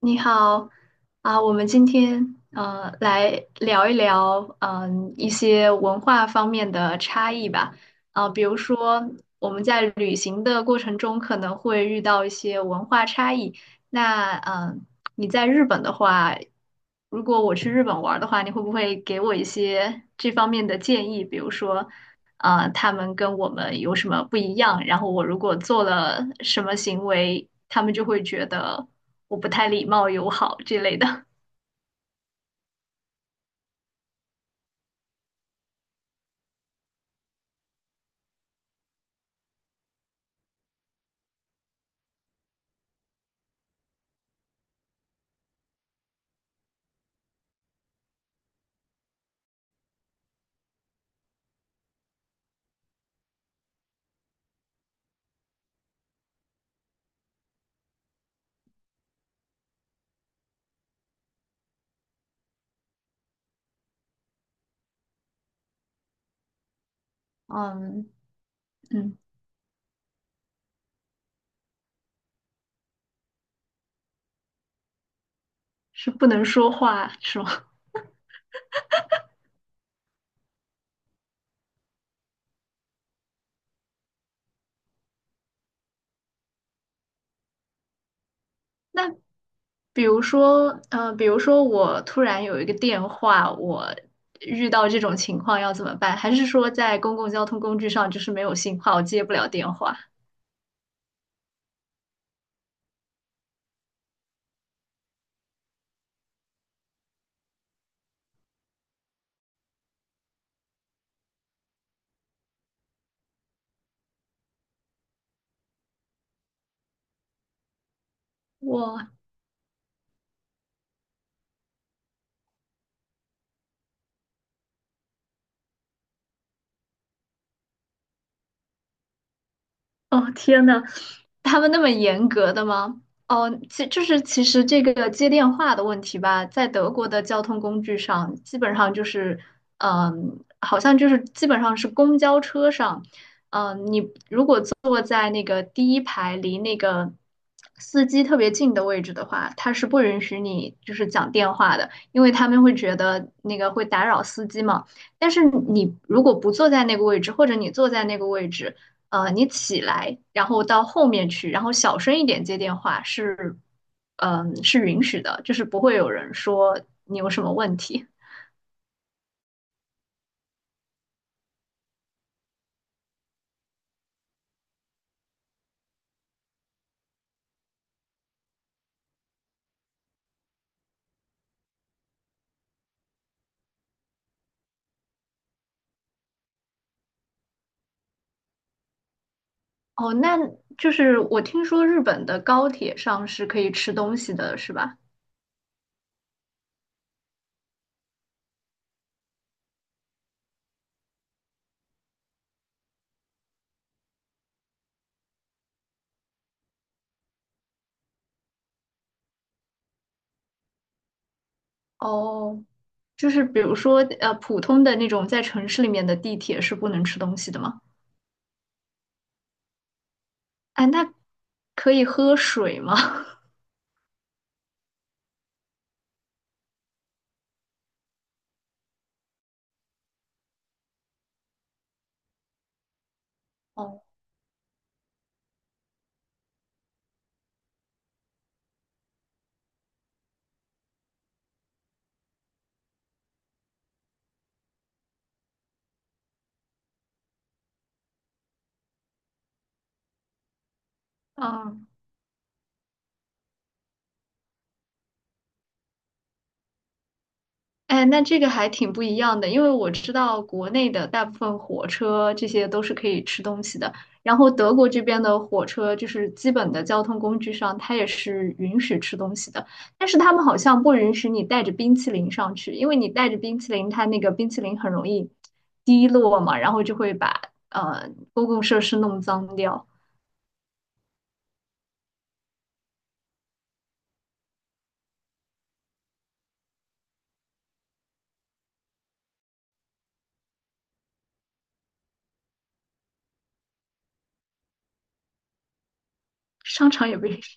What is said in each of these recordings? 你好。我们今天来聊一聊一些文化方面的差异吧。比如说我们在旅行的过程中可能会遇到一些文化差异。那你在日本的话，如果我去日本玩儿的话，你会不会给我一些这方面的建议？比如说他们跟我们有什么不一样，然后我如果做了什么行为，他们就会觉得我不太礼貌友好之类的。嗯。嗯，是不能说话是吗？那比如说，比如说我突然有一个电话，遇到这种情况要怎么办？还是说在公共交通工具上就是没有信号，接不了电话？我哦，天呐，他们那么严格的吗？哦，其就是其实这个接电话的问题吧，在德国的交通工具上，基本上就是，嗯，好像就是基本上是公交车上。嗯，你如果坐在那个第一排离那个司机特别近的位置的话，他是不允许你就是讲电话的，因为他们会觉得那个会打扰司机嘛。但是你如果不坐在那个位置，或者你坐在那个位置。呃，你起来，然后到后面去，然后小声一点接电话是，嗯，是允许的，就是不会有人说你有什么问题。哦，那就是我听说日本的高铁上是可以吃东西的，是吧？哦，就是比如说普通的那种在城市里面的地铁是不能吃东西的吗？哎，那可以喝水吗？哦。嗯。哎，那这个还挺不一样的，因为我知道国内的大部分火车这些都是可以吃东西的，然后德国这边的火车就是基本的交通工具上，它也是允许吃东西的，但是他们好像不允许你带着冰淇淋上去，因为你带着冰淇淋，它那个冰淇淋很容易滴落嘛，然后就会把公共设施弄脏掉。商场也不允许。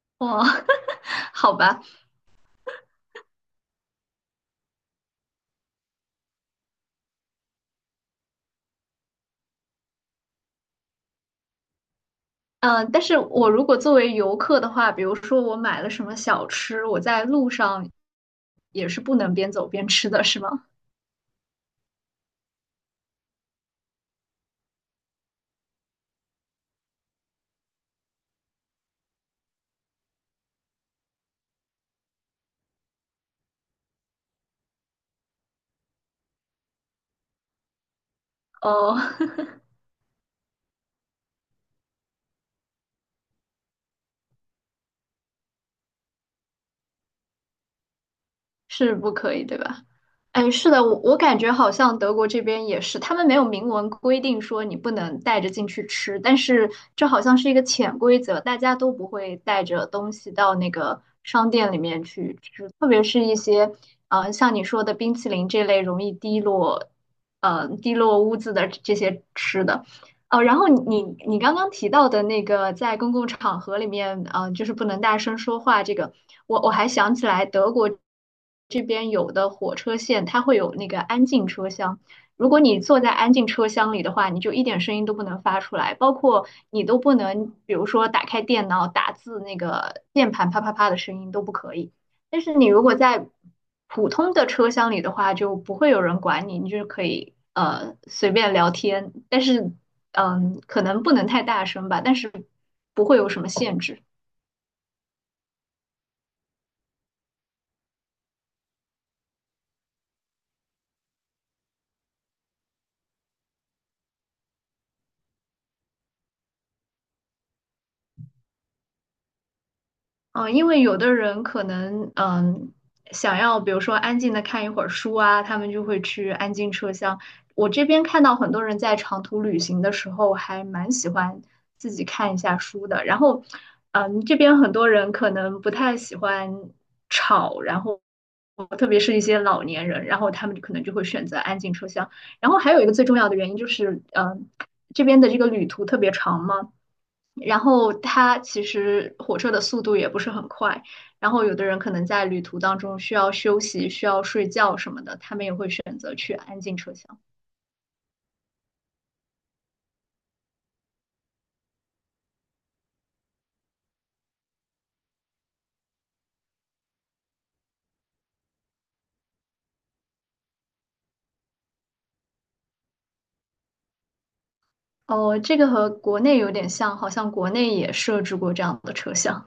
哇，好吧。嗯，但是我如果作为游客的话，比如说我买了什么小吃，我在路上也是不能边走边吃的，是吗？哦，是不可以，对吧？哎，是的，我感觉好像德国这边也是，他们没有明文规定说你不能带着进去吃，但是这好像是一个潜规则，大家都不会带着东西到那个商店里面去吃，特别是一些，呃，像你说的冰淇淋这类容易滴落，呃，滴落污渍的这些吃的。哦，然后你刚刚提到的那个在公共场合里面，就是不能大声说话，这个我还想起来，德国这边有的火车线它会有那个安静车厢，如果你坐在安静车厢里的话，你就一点声音都不能发出来，包括你都不能，比如说打开电脑打字那个键盘啪啪啪的声音都不可以。但是你如果在普通的车厢里的话，就不会有人管你，你就是可以随便聊天，但是嗯，可能不能太大声吧，但是不会有什么限制。嗯，因为有的人可能想要，比如说安静的看一会儿书啊，他们就会去安静车厢。我这边看到很多人在长途旅行的时候还蛮喜欢自己看一下书的，然后嗯，这边很多人可能不太喜欢吵，然后特别是一些老年人，然后他们可能就会选择安静车厢。然后还有一个最重要的原因就是，这边的这个旅途特别长嘛，然后它其实火车的速度也不是很快，然后有的人可能在旅途当中需要休息、需要睡觉什么的，他们也会选择去安静车厢。哦，这个和国内有点像，好像国内也设置过这样的车厢，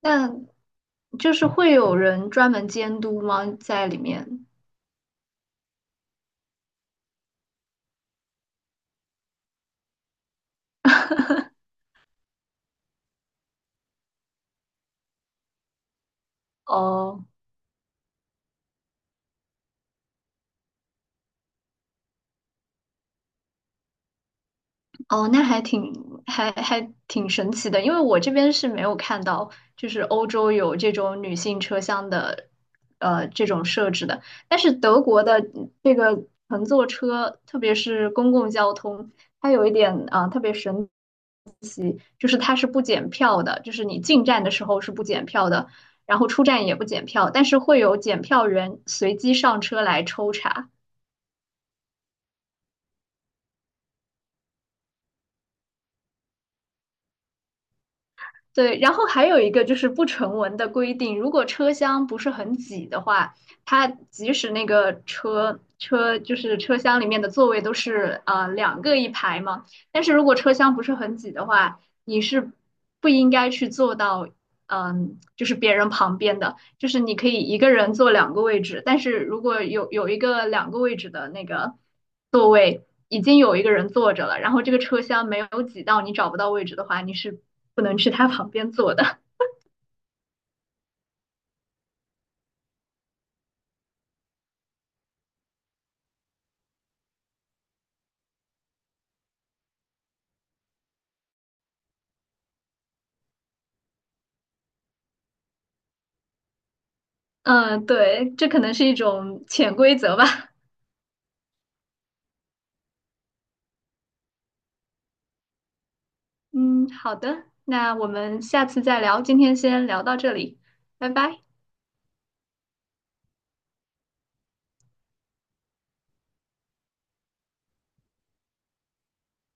但就是会有人专门监督吗？在里面？哦。哦，那还挺还挺神奇的，因为我这边是没有看到，就是欧洲有这种女性车厢的，呃，这种设置的。但是德国的这个乘坐车，特别是公共交通，它有一点特别神，就是它是不检票的，就是你进站的时候是不检票的，然后出站也不检票，但是会有检票员随机上车来抽查。对，然后还有一个就是不成文的规定，如果车厢不是很挤的话，它即使那个车就是车厢里面的座位都是两个一排嘛，但是如果车厢不是很挤的话，你是不应该去坐到就是别人旁边的，就是你可以一个人坐两个位置，但是如果有一个两个位置的那个已经有一个人坐着了，然后这个车厢没有挤到你找不到位置的话，你是不能去他旁边坐的。嗯，对，这可能是一种潜规则吧。嗯，好的，那我们下次再聊，今天先聊到这里，拜拜。